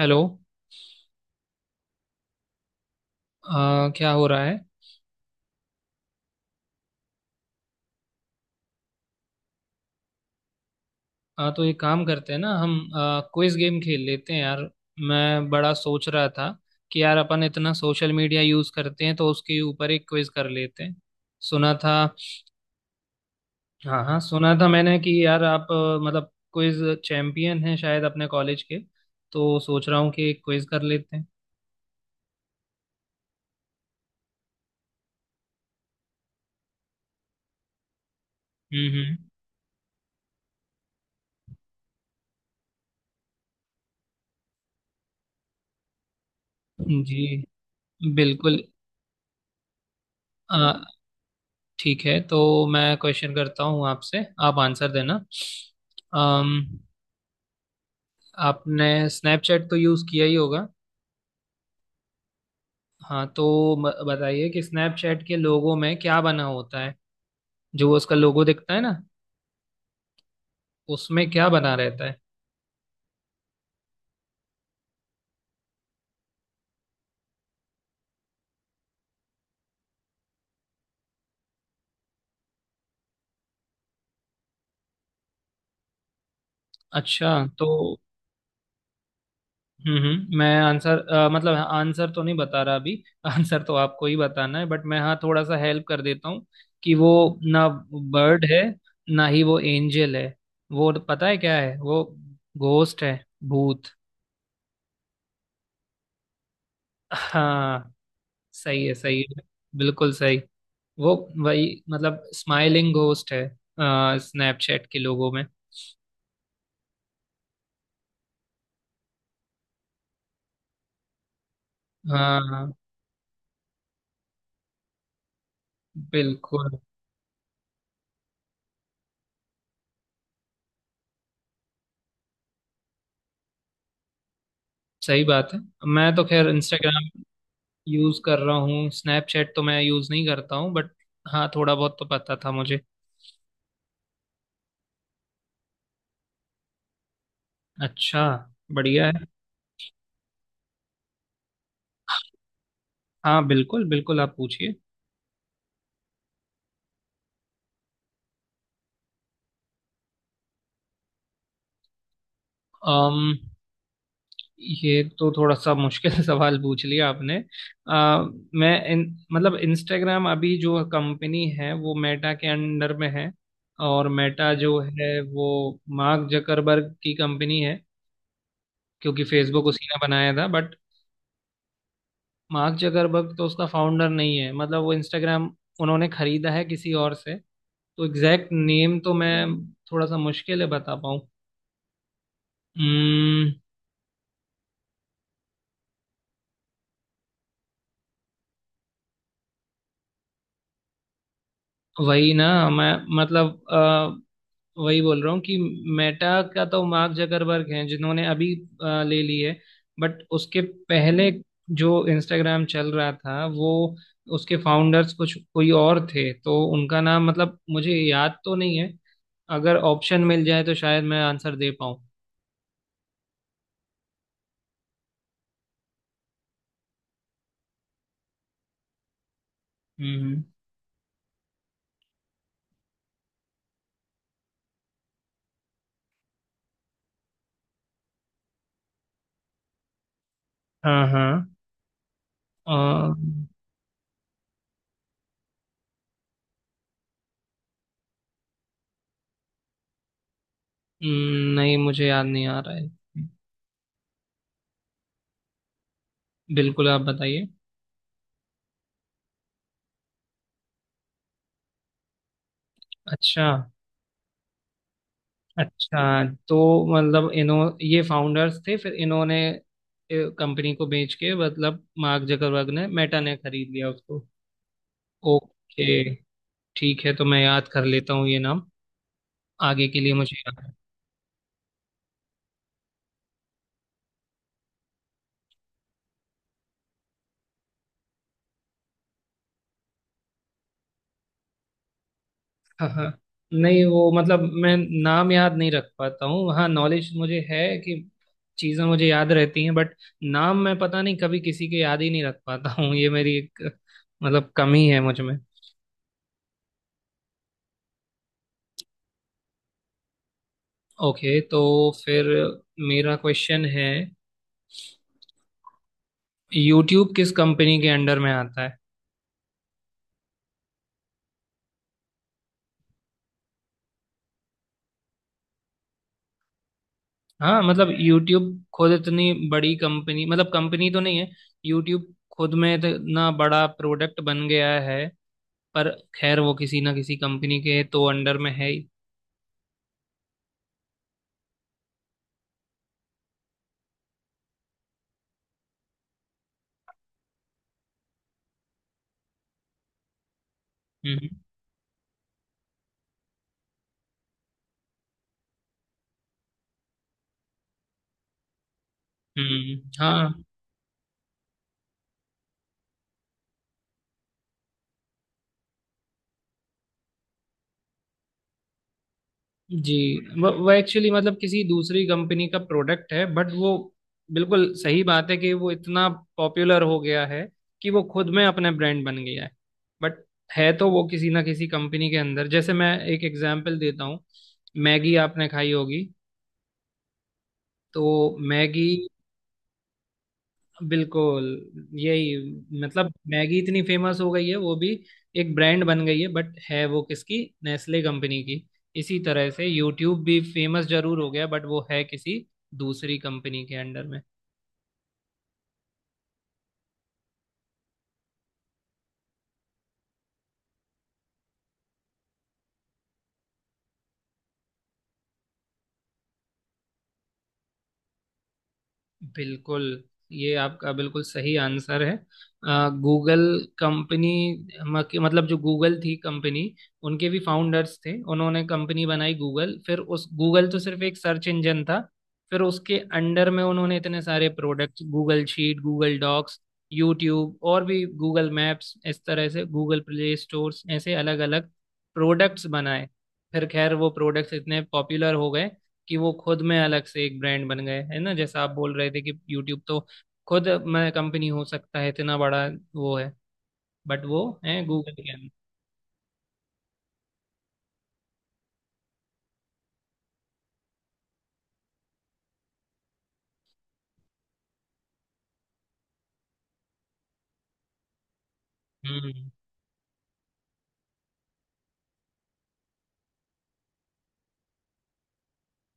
Hello. क्या हो रहा है? तो एक काम करते हैं ना हम, क्विज गेम खेल लेते हैं यार। मैं बड़ा सोच रहा था कि यार अपन इतना सोशल मीडिया यूज़ करते हैं तो उसके ऊपर एक क्विज कर लेते हैं। सुना था, हाँ हाँ सुना था मैंने कि यार आप मतलब क्विज चैंपियन हैं शायद अपने कॉलेज के। तो सोच रहा हूँ कि एक क्विज कर लेते हैं। हम्म। जी। बिल्कुल। आ, ठीक है तो मैं क्वेश्चन करता हूँ आपसे, आप आंसर देना। अम आपने स्नैपचैट तो यूज़ किया ही होगा। हाँ तो बताइए कि स्नैपचैट के लोगो में क्या बना होता है, जो उसका लोगो दिखता है ना, उसमें क्या बना रहता है। अच्छा। तो हम्म मैं आंसर मतलब आंसर तो नहीं बता रहा अभी आंसर तो आपको ही बताना है बट मैं हाँ थोड़ा सा हेल्प कर देता हूँ कि वो ना बर्ड है, ना ही वो एंजल है। वो पता है क्या है वो? घोस्ट है, भूत। हाँ, सही है। बिल्कुल सही। वो वही मतलब स्माइलिंग घोस्ट है स्नैपचैट के लोगों में। हाँ, बिल्कुल। सही बात है। मैं तो खैर इंस्टाग्राम यूज कर रहा हूँ, स्नैपचैट तो मैं यूज नहीं करता हूँ बट हाँ थोड़ा बहुत तो पता था मुझे। अच्छा, बढ़िया है। हाँ बिल्कुल बिल्कुल आप पूछिए। अम ये तो थोड़ा सा मुश्किल सवाल पूछ लिया आपने। आ, मैं इन मतलब इंस्टाग्राम अभी जो कंपनी है वो मेटा के अंडर में है, और मेटा जो है वो मार्क जकरबर्ग की कंपनी है क्योंकि फेसबुक उसी ने बनाया था। बट मार्क जकरबर्ग तो उसका फाउंडर नहीं है, मतलब वो इंस्टाग्राम उन्होंने खरीदा है किसी और से। तो एग्जैक्ट नेम तो मैं, थोड़ा सा मुश्किल है बता पाऊँ। हम्म, वही ना, मैं मतलब वही बोल रहा हूँ कि मेटा का तो मार्क जकरबर्ग हैं जिन्होंने अभी ले ली है। बट उसके पहले जो इंस्टाग्राम चल रहा था वो, उसके फाउंडर्स कुछ कोई और थे तो उनका नाम मतलब मुझे याद तो नहीं है। अगर ऑप्शन मिल जाए तो शायद मैं आंसर दे पाऊँ। हम्म। हाँ हाँ अ, नहीं मुझे याद नहीं आ रहा है। बिल्कुल, आप बताइए। अच्छा। अच्छा तो मतलब इन्हों ये फाउंडर्स थे, फिर इन्होंने कंपनी को बेच के मतलब मार्क जकरबर्ग ने, मेटा ने खरीद लिया उसको। ओके, ठीक है तो मैं याद कर लेता हूँ ये नाम, आगे के लिए मुझे याद है। हाँ हाँ नहीं वो मतलब मैं नाम याद नहीं रख पाता हूँ, हाँ नॉलेज मुझे है कि चीज़ें मुझे याद रहती हैं बट नाम मैं पता नहीं कभी किसी के याद ही नहीं रख पाता हूँ, ये मेरी एक मतलब कमी है मुझ में। ओके तो फिर मेरा क्वेश्चन है, यूट्यूब किस कंपनी के अंडर में आता है? हाँ मतलब यूट्यूब खुद इतनी बड़ी कंपनी, मतलब कंपनी तो नहीं है, यूट्यूब खुद में इतना बड़ा प्रोडक्ट बन गया है, पर खैर वो किसी ना किसी कंपनी के तो अंडर में है ही। हम्म। हम्म। हाँ जी। वो एक्चुअली मतलब किसी दूसरी कंपनी का प्रोडक्ट है बट वो, बिल्कुल सही बात है कि वो इतना पॉपुलर हो गया है कि वो खुद में अपने ब्रांड बन गया है, बट है तो वो किसी ना किसी कंपनी के अंदर। जैसे मैं एक एग्जांपल देता हूँ, मैगी आपने खाई होगी, तो मैगी, बिल्कुल यही, मतलब मैगी इतनी फेमस हो गई है वो भी एक ब्रांड बन गई है बट है वो किसकी, नेस्ले कंपनी की। इसी तरह से यूट्यूब भी फेमस जरूर हो गया बट वो है किसी दूसरी कंपनी के अंडर में। बिल्कुल, ये आपका बिल्कुल सही आंसर है। गूगल कंपनी, मतलब जो गूगल थी कंपनी, उनके भी फाउंडर्स थे, उन्होंने कंपनी बनाई गूगल, फिर उस गूगल, तो सिर्फ एक सर्च इंजन था। फिर उसके अंडर में उन्होंने इतने सारे product, Google sheet, Google docs, YouTube और भी गूगल मैप्स, इस तरह से गूगल प्ले स्टोर्स, ऐसे अलग अलग प्रोडक्ट्स बनाए। फिर खैर वो प्रोडक्ट्स इतने पॉपुलर हो गए कि वो खुद में अलग से एक ब्रांड बन गए, है ना, जैसा आप बोल रहे थे कि यूट्यूब तो खुद मैं कंपनी हो सकता है इतना बड़ा वो है, बट वो है गूगल के अंदर। हम्म,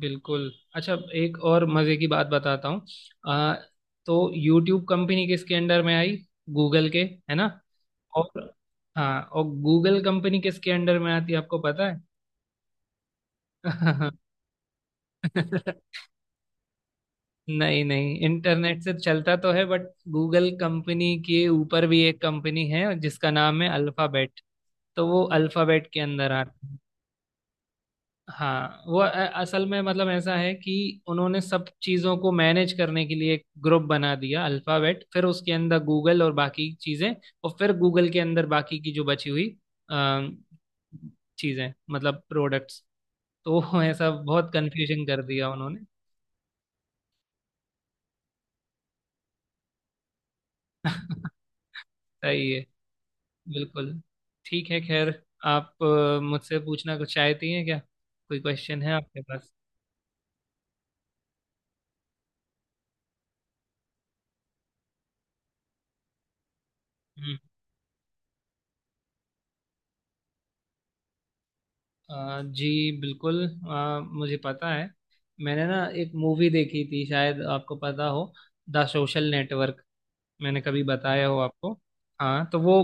बिल्कुल। अच्छा एक और मजे की बात बताता हूँ, आ, तो यूट्यूब कंपनी किसके अंडर में आई? गूगल के, है ना। और, हाँ, और गूगल कंपनी किसके अंडर में आती है आपको पता है? नहीं नहीं, इंटरनेट से चलता तो है बट गूगल कंपनी के ऊपर भी एक कंपनी है जिसका नाम है अल्फाबेट। तो वो अल्फाबेट के अंदर आते हैं। हाँ वो असल में मतलब ऐसा है कि उन्होंने सब चीज़ों को मैनेज करने के लिए एक ग्रुप बना दिया अल्फाबेट, फिर उसके अंदर गूगल और बाकी चीज़ें, और फिर गूगल के अंदर बाकी की जो बची हुई अ, चीज़ें मतलब प्रोडक्ट्स। तो वो ऐसा बहुत कंफ्यूजन कर दिया उन्होंने। सही है, बिल्कुल। ठीक है खैर, आप मुझसे पूछना कुछ चाहती हैं क्या? कोई क्वेश्चन है आपके पास? हम्म। जी बिल्कुल, मुझे पता है। मैंने ना एक मूवी देखी थी, शायद आपको पता हो, द सोशल नेटवर्क, मैंने कभी बताया हो आपको। हाँ तो वो,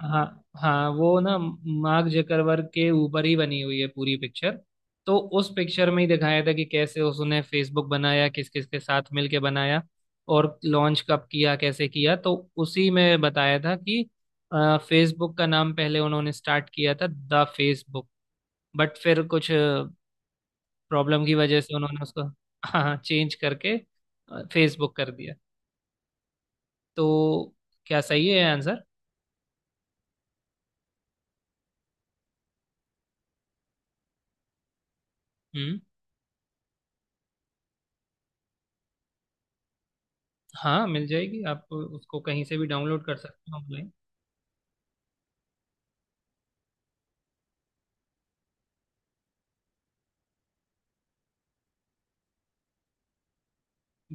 हाँ हाँ वो ना मार्क जकरबर्ग के ऊपर ही बनी हुई है पूरी पिक्चर। तो उस पिक्चर में ही दिखाया था कि कैसे उसने फेसबुक बनाया, किस किस के साथ मिलके बनाया और लॉन्च कब किया कैसे किया। तो उसी में बताया था कि फेसबुक का नाम पहले उन्होंने स्टार्ट किया था द फेसबुक, बट फिर कुछ प्रॉब्लम की वजह से उन्होंने उसको, हाँ, चेंज करके फेसबुक कर दिया। तो क्या सही है आंसर? हम्म। हाँ मिल जाएगी, आप उसको कहीं से भी डाउनलोड कर सकते हो ऑनलाइन।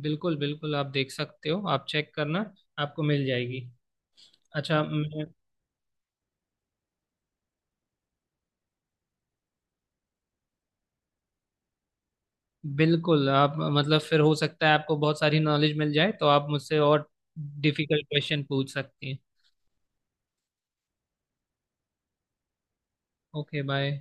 बिल्कुल बिल्कुल आप देख सकते हो, आप चेक करना, आपको मिल जाएगी। अच्छा बिल्कुल, आप मतलब फिर हो सकता है आपको बहुत सारी नॉलेज मिल जाए तो आप मुझसे और डिफिकल्ट क्वेश्चन पूछ सकती हैं। Okay bye.